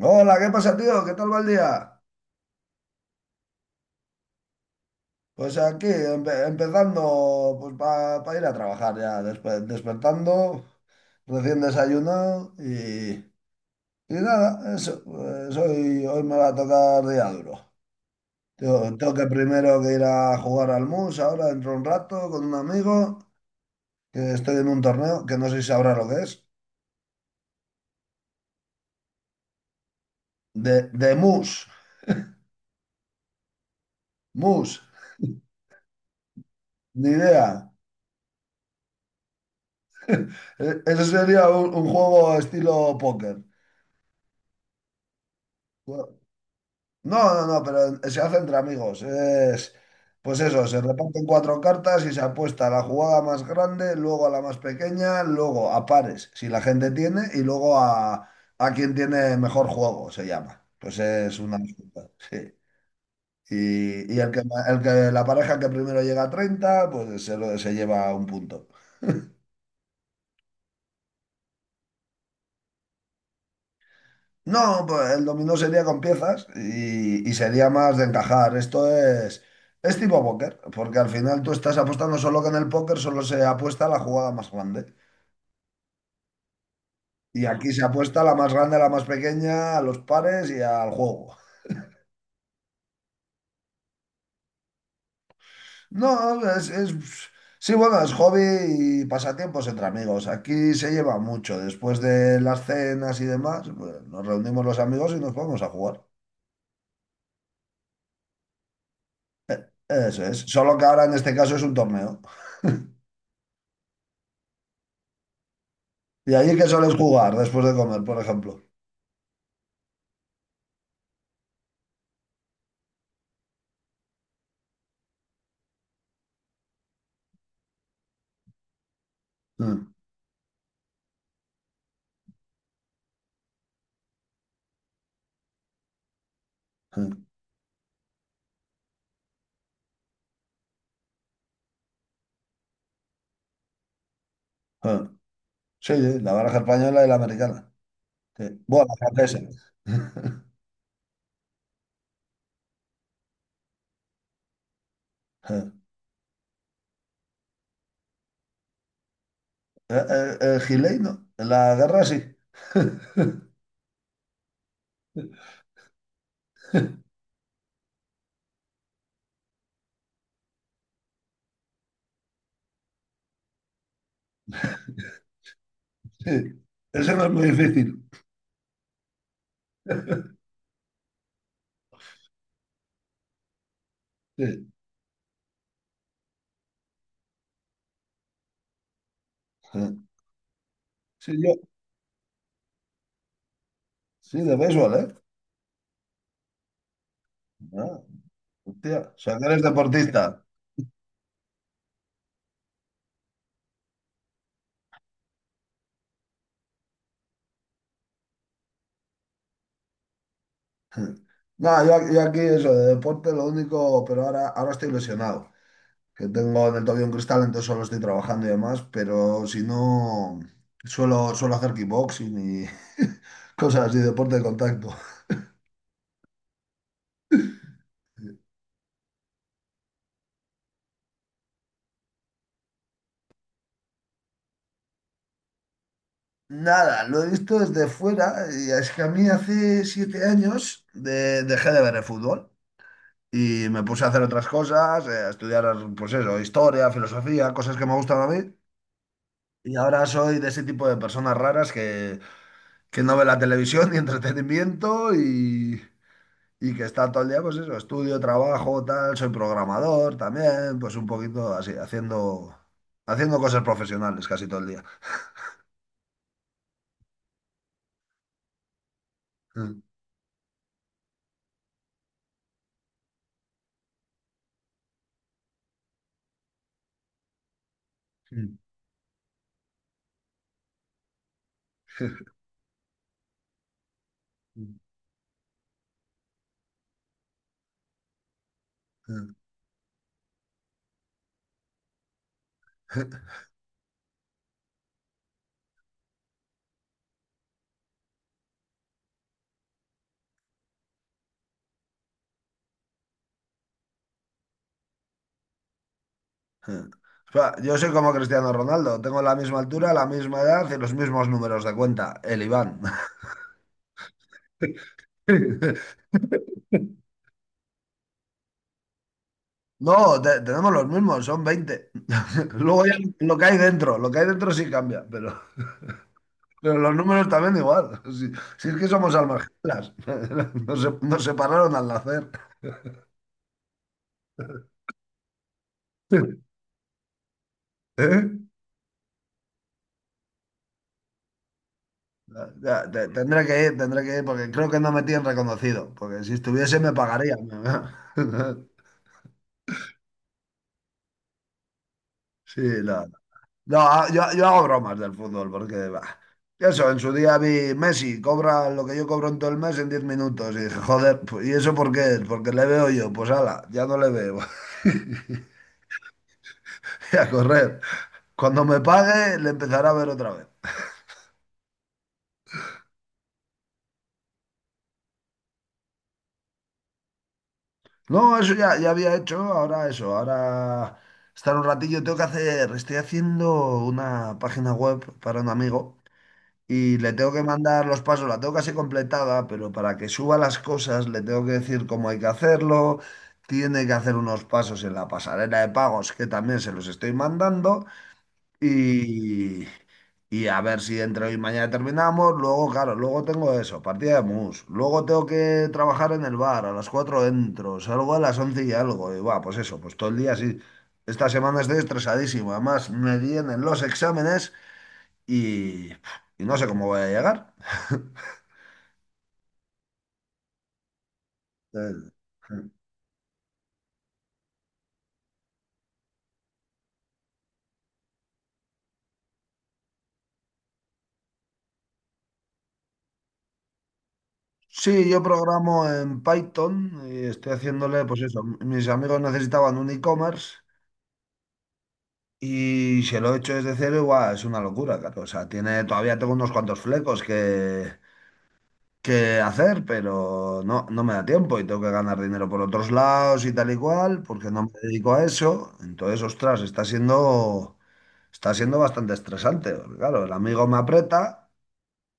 Hola, ¿qué pasa, tío? ¿Qué tal va el día? Pues aquí, empezando pues para ir a trabajar ya, despertando, recién desayunado y nada, eso, pues hoy me va a tocar día duro. Tengo que primero que ir a jugar al mus ahora dentro de un rato con un amigo, que estoy en un torneo que no sé si sabrá lo que es, de mus, mus, ni idea. Eso sería un juego estilo póker. Bueno. No, no, no, pero se hace entre amigos. Es, pues eso, se reparten cuatro cartas y se apuesta a la jugada más grande, luego a la más pequeña, luego a pares, si la gente tiene, y luego a quien tiene mejor juego, se llama. Pues es una disputa, sí. Y el que, la pareja que primero llega a 30, pues se lleva un punto. No, pues el dominó sería con piezas y sería más de encajar. Esto es tipo póker, porque al final tú estás apostando solo que en el póker solo se apuesta a la jugada más grande. Y aquí se apuesta a la más grande, a la más pequeña, a los pares y al juego. No, sí, bueno, es hobby y pasatiempos entre amigos. Aquí se lleva mucho. Después de las cenas y demás, pues, nos reunimos los amigos y nos vamos a jugar. Eso es. Solo que ahora en este caso es un torneo. ¿Y allí qué sueles jugar después de comer, por ejemplo? Mm, mm, mm. Sí, sí, la baraja española y la americana. Sí. Bueno, la francesa. El, Gilei no. En la guerra sí. Sí, eso no es muy difícil. Sí, sí, yo, sí, de béisbol, ¿eh? Ah, hostia, o sea, que eres deportista. No, yo aquí eso, de deporte lo único, pero ahora estoy lesionado. Que tengo en el tobillo un cristal, entonces solo estoy trabajando y demás, pero si no, suelo hacer kickboxing y cosas así, deporte de contacto. Nada, lo he visto desde fuera y es que a mí hace 7 años dejé de ver el fútbol y me puse a hacer otras cosas, a estudiar, pues eso, historia, filosofía, cosas que me gustan a mí. Y ahora soy de ese tipo de personas raras que no ve la televisión ni entretenimiento. Y que está todo el día, pues eso, estudio, trabajo, tal, soy programador también, pues un poquito así, haciendo cosas profesionales casi todo el día. O sea, yo soy como Cristiano Ronaldo, tengo la misma altura, la misma edad y los mismos números de cuenta, el Iván. No, tenemos los mismos, son 20. Luego ya lo que hay dentro, lo que hay dentro sí cambia, pero los números también igual. Si, si es que somos almas gemelas. Nos separaron al nacer. ¿Eh? Ya, Tendré que ir, tendré que ir, porque creo que no me tienen reconocido, porque si estuviese me pagarían. Sí, no. No, yo hago bromas del fútbol, porque bah, eso, en su día vi Messi, cobra lo que yo cobro en todo el mes en 10 minutos, y dije, joder, pues, ¿y eso por qué es? Porque le veo yo, pues ala, ya no le veo. Y a correr. Cuando me pague, le empezará a ver otra vez. No, eso ya, ya había hecho, ahora eso, ahora estar un ratillo, tengo que hacer, estoy haciendo una página web para un amigo y le tengo que mandar los pasos, la tengo casi completada, pero para que suba las cosas le tengo que decir cómo hay que hacerlo, tiene que hacer unos pasos en la pasarela de pagos que también se los estoy mandando y, y a ver si entre hoy y mañana terminamos. Luego, claro, luego tengo eso, partida de mus. Luego tengo que trabajar en el bar, a las 4 entro, salgo a las 11 y algo. Y va, pues eso, pues todo el día así. Esta semana estoy estresadísimo. Además, me vienen los exámenes y, y no sé cómo voy a llegar. Eh, Sí, yo programo en Python y estoy haciéndole, pues eso, mis amigos necesitaban un e-commerce. Y si lo he hecho desde cero, igual es una locura, claro. O sea, tiene, todavía tengo unos cuantos flecos que hacer, pero no, no me da tiempo y tengo que ganar dinero por otros lados y tal y cual, porque no me dedico a eso. Entonces, ostras, está siendo bastante estresante. Porque, claro, el amigo me aprieta,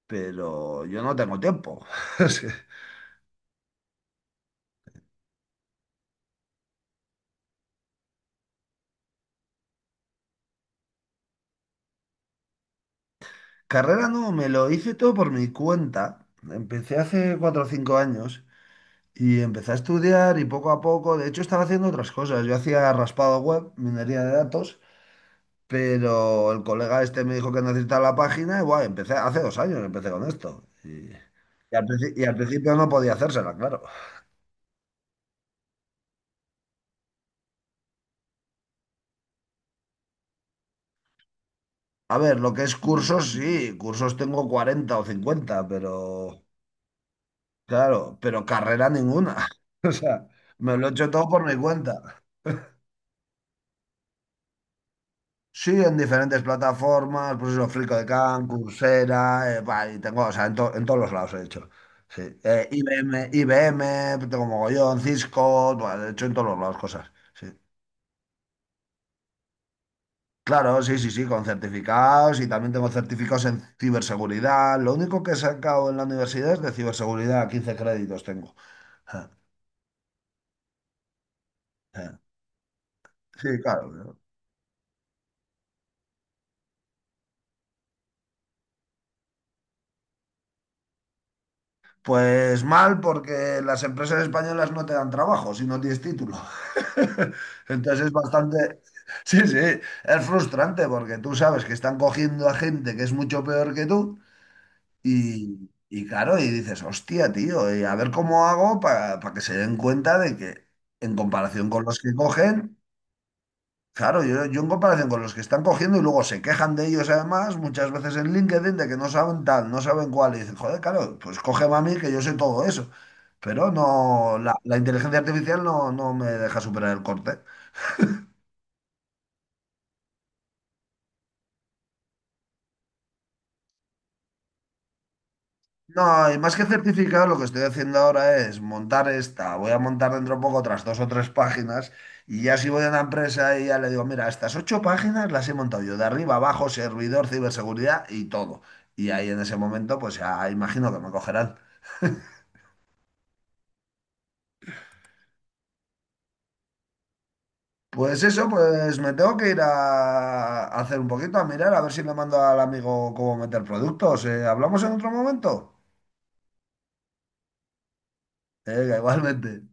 pero yo no tengo tiempo. Es que- Carrera no, me lo hice todo por mi cuenta. Empecé hace 4 o 5 años. Y empecé a estudiar y poco a poco, de hecho estaba haciendo otras cosas. Yo hacía raspado web, minería de datos, pero el colega este me dijo que necesitaba la página y guay, empecé, hace 2 años empecé con esto. Y al principio no podía hacérsela, claro. A ver, lo que es cursos, sí, cursos tengo 40 o 50 pero claro, pero carrera ninguna. O sea, me lo he hecho todo por mi cuenta. Sí, en diferentes plataformas, pues eso, Free.com, Coursera, bah, y tengo, o sea, en todos los lados he hecho. Sí. IBM, IBM, tengo mogollón, Cisco, bah, he hecho en todos los lados cosas. Sí. Claro, sí, sí, sí, con certificados y también tengo certificados en ciberseguridad. Lo único que he sacado en la universidad es de ciberseguridad, 15 créditos tengo. Ja, ja. Sí, claro. ¿No? Pues mal, porque las empresas españolas no te dan trabajo si no tienes título. Entonces es bastante... Sí, sí, es frustrante porque tú sabes que están cogiendo a gente que es mucho peor que tú y claro, y dices, hostia, tío, y a ver cómo hago para que se den cuenta de que en comparación con los que cogen. Claro, yo en comparación con los que están cogiendo y luego se quejan de ellos además, muchas veces en LinkedIn, de que no saben tal, no saben cuál, y dicen, joder, claro, pues cógeme a mí que yo sé todo eso. Pero no, la inteligencia artificial no, no me deja superar el corte. No, y más que certificado, lo que estoy haciendo ahora es montar esta, voy a montar dentro de poco otras dos o tres páginas, y ya si voy a una empresa y ya le digo, mira, estas ocho páginas las he montado yo, de arriba abajo, servidor, ciberseguridad y todo. Y ahí en ese momento, pues ya imagino que me cogerán. Pues eso, pues me tengo que ir a hacer un poquito, a mirar, a ver si le mando al amigo cómo meter productos. ¿Hablamos en otro momento? Venga, igualmente.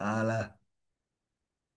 Hala.